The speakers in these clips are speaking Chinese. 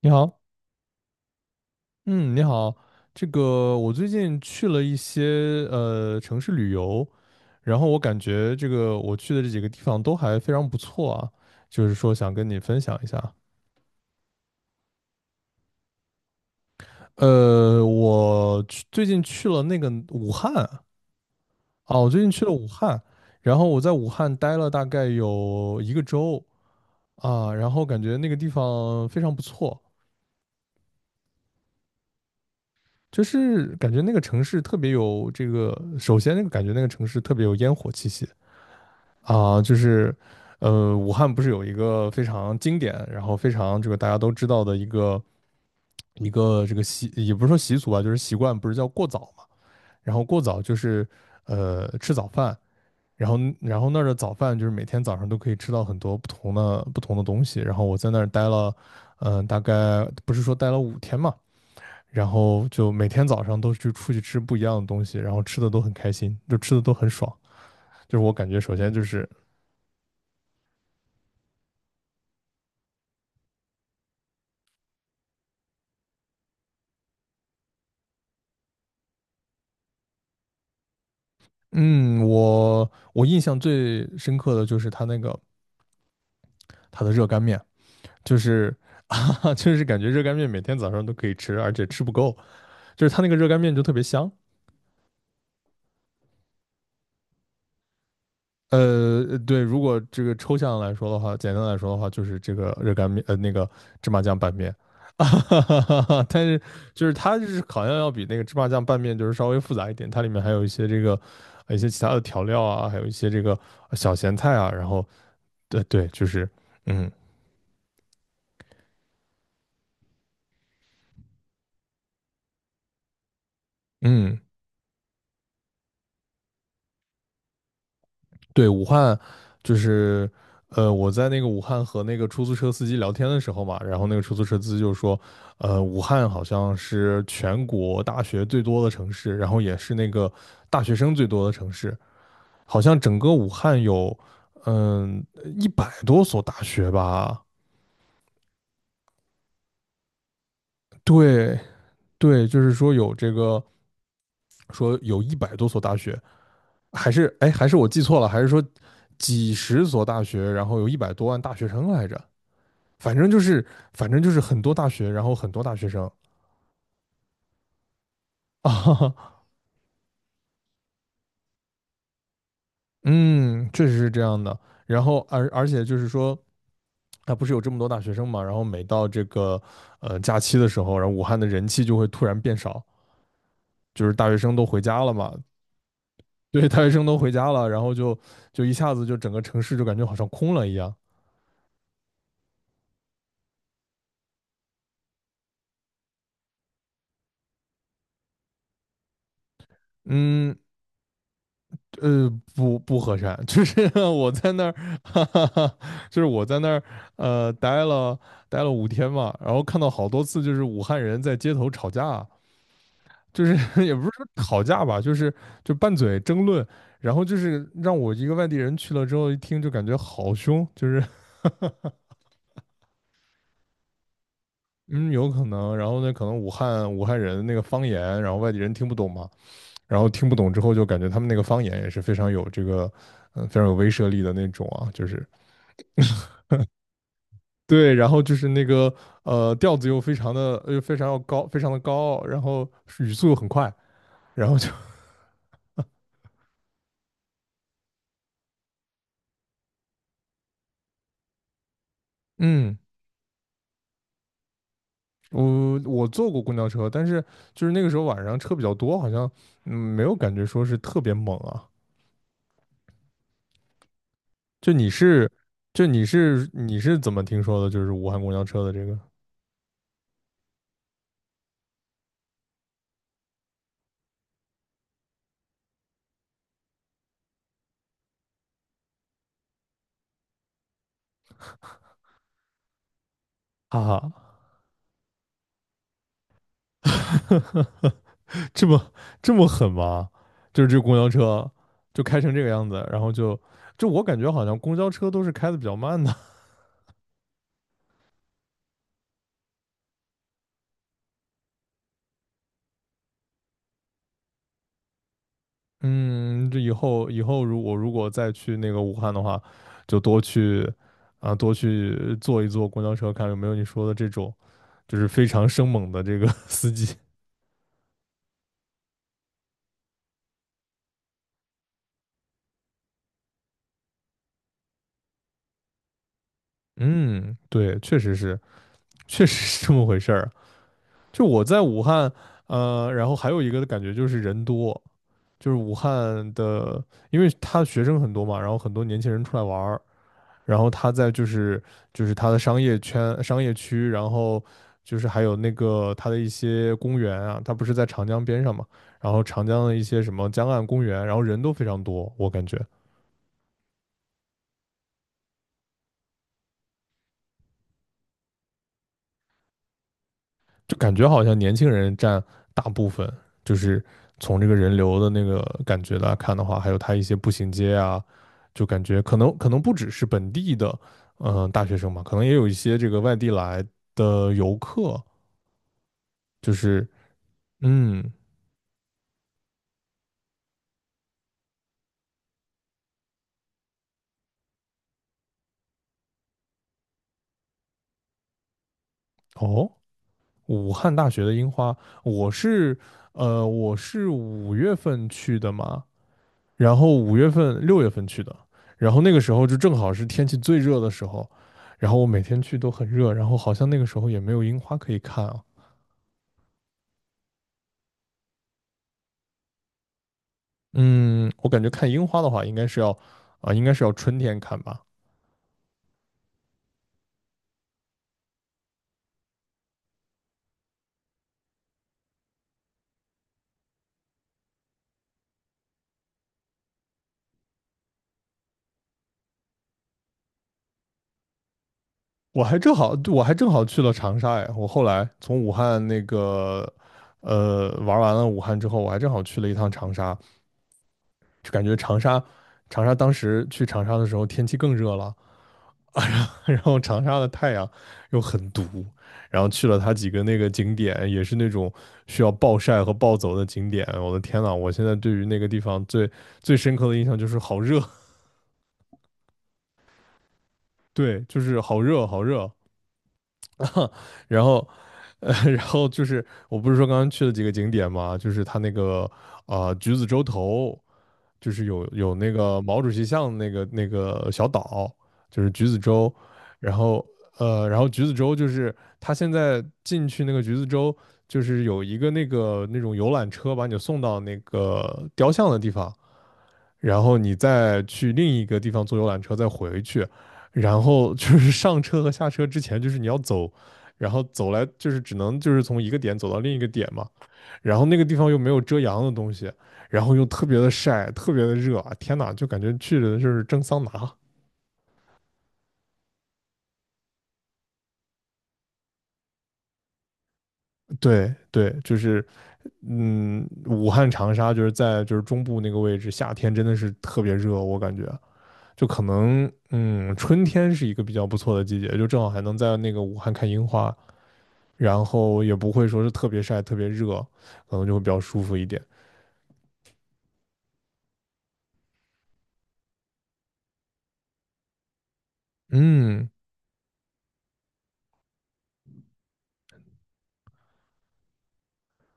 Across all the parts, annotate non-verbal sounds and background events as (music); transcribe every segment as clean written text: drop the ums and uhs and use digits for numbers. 你好，嗯，你好，这个我最近去了一些城市旅游，然后我感觉这个我去的这几个地方都还非常不错啊，就是说想跟你分享一下。最近去了那个武汉啊，我最近去了武汉，然后我在武汉待了大概有一个周啊，然后感觉那个地方非常不错，就是感觉那个城市特别有这个，首先那个感觉那个城市特别有烟火气息。啊，就是，武汉不是有一个非常经典，然后非常这个大家都知道的一个这个也不是说习俗吧，就是习惯，不是叫过早嘛？然后过早就是吃早饭，然后那儿的早饭就是每天早上都可以吃到很多不同的东西。然后我在那儿待了，大概不是说待了五天嘛，然后就每天早上都去出去吃不一样的东西，然后吃的都很开心，就吃的都很爽。就是我感觉，首先就是嗯，我印象最深刻的就是他那个他的热干面，就是 (laughs) 哈，就是感觉热干面每天早上都可以吃，而且吃不够，就是他那个热干面就特别香。对，如果这个抽象来说的话，简单来说的话，就是这个热干面，那个芝麻酱拌面，(laughs) 哈哈哈。但是就是它就是好像要比那个芝麻酱拌面就是稍微复杂一点，它里面还有一些其他的调料啊，还有一些这个小咸菜啊，然后对对，就是嗯嗯。对，武汉就是，我在那个武汉和那个出租车司机聊天的时候嘛，然后那个出租车司机就说，武汉好像是全国大学最多的城市，然后也是那个大学生最多的城市，好像整个武汉有，嗯，一百多所大学吧？对，对，就是说有这个，说有一百多所大学，还是，哎，还是我记错了，还是说几十所大学，然后有100多万大学生来着？反正就是很多大学，然后很多大学生 (laughs) 啊，嗯，确实是这样的。然后而且就是说，啊，不是有这么多大学生嘛，然后每到这个假期的时候，然后武汉的人气就会突然变少，就是大学生都回家了嘛，对，大学生都回家了，然后就一下子就整个城市就感觉好像空了一样。嗯，呃，不不和善，就是 (laughs) 我在那儿，(laughs) 哈哈哈，就是我在那儿，呃，待了待了五天嘛，然后看到好多次就是武汉人在街头吵架，就是 (laughs) 也不是说吵架吧，就是就拌嘴争论，然后就是让我一个外地人去了之后一听就感觉好凶，就是嗯有可能，然后呢可能武汉人那个方言，然后外地人听不懂嘛，然后听不懂之后就感觉他们那个方言也是非常有这个，非常有威慑力的那种啊，就是。对，然后就是那个调子又非常要高，非常的高傲，然后语速又很快，然后就 (laughs) 嗯，我坐过公交车，但是就是那个时候晚上车比较多，好像没有感觉说是特别猛啊。就你是你是怎么听说的？就是武汉公交车的这个，哈哈，(laughs) 这么这么狠吗？就是这公交车就开成这个样子，然后就我感觉好像公交车都是开的比较慢的。嗯，这以后如果再去那个武汉的话，就多去坐一坐公交车，看有没有你说的这种，就是非常生猛的这个 (laughs) 司机。嗯，对，确实是，确实是这么回事儿。就我在武汉，然后还有一个的感觉就是人多，就是武汉的，因为他学生很多嘛，然后很多年轻人出来玩儿，然后他在就是就是他的商业圈、商业区，然后就是还有那个他的一些公园啊，他不是在长江边上嘛，然后长江的一些什么江岸公园，然后人都非常多，我感觉就感觉好像年轻人占大部分，就是从这个人流的那个感觉来看的话，还有他一些步行街啊，就感觉可能不只是本地的大学生嘛，可能也有一些这个外地来的游客，就是嗯哦。武汉大学的樱花，我是我是五月份去的嘛，然后5月份6月份去的，然后那个时候就正好是天气最热的时候，然后我每天去都很热，然后好像那个时候也没有樱花可以看啊。嗯，我感觉看樱花的话，应该是要应该是要春天看吧。我还正好去了长沙哎，我后来从武汉那个呃玩完了武汉之后，我还正好去了一趟长沙，就感觉长沙当时去长沙的时候天气更热了，(laughs) 然后长沙的太阳又很毒，然后去了它几个那个景点，也是那种需要暴晒和暴走的景点。我的天呐，我现在对于那个地方最深刻的印象就是好热，(laughs) 对，就是好热好热。(laughs) 然后，(laughs) 然后就是我不是说刚刚去了几个景点嘛，就是它那个橘子洲头，就是有那个毛主席像那个小岛，就是橘子洲，然后然后橘子洲就是他现在进去那个橘子洲，就是有一个那个那种游览车把你送到那个雕像的地方，然后你再去另一个地方坐游览车再回去，然后就是 (laughs) 上车和下车之前就是你要走，然后走来就是只能就是从一个点走到另一个点嘛，然后那个地方又没有遮阳的东西，然后又特别的晒，特别的热，天呐，就感觉去的就是蒸桑拿。对对，就是嗯，武汉、长沙就是在就是中部那个位置，夏天真的是特别热，我感觉就可能春天是一个比较不错的季节，就正好还能在那个武汉看樱花，然后也不会说是特别晒、特别热，可能就会比较舒服一点。嗯，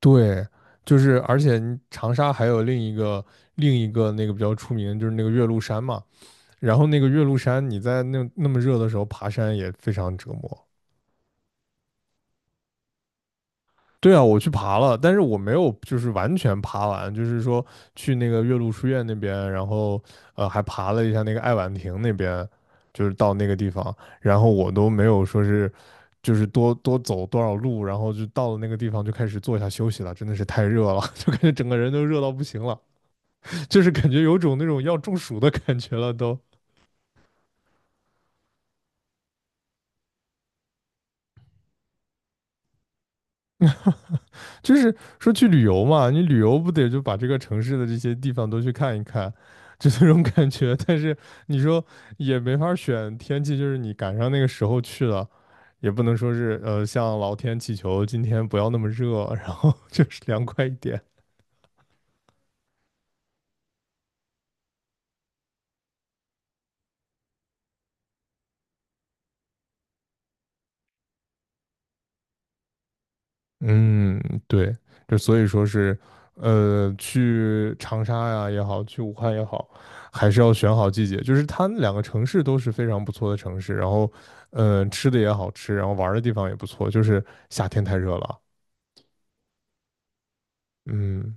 对，就是而且你长沙还有另一个那个比较出名的就是那个岳麓山嘛，然后那个岳麓山你在那那么热的时候爬山也非常折磨。对啊，我去爬了，但是我没有就是完全爬完，就是说去那个岳麓书院那边，然后还爬了一下那个爱晚亭那边，就是到那个地方，然后我都没有说是就是多走多少路，然后就到了那个地方就开始坐下休息了，真的是太热了，(laughs) 就感觉整个人都热到不行了。就是感觉有种那种要中暑的感觉了都。就是说去旅游嘛，你旅游不得就把这个城市的这些地方都去看一看，就那种感觉。但是你说也没法选天气，就是你赶上那个时候去了，也不能说是向老天祈求今天不要那么热，然后 (laughs) 就是凉快一点。嗯，对，就所以说是，去长沙呀也好，去武汉也好，还是要选好季节。就是它那两个城市都是非常不错的城市，然后，吃的也好吃，然后玩儿的地方也不错。就是夏天太热了。嗯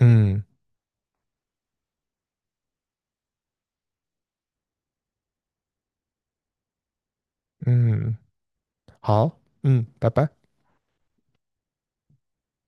嗯嗯，好，嗯，拜拜。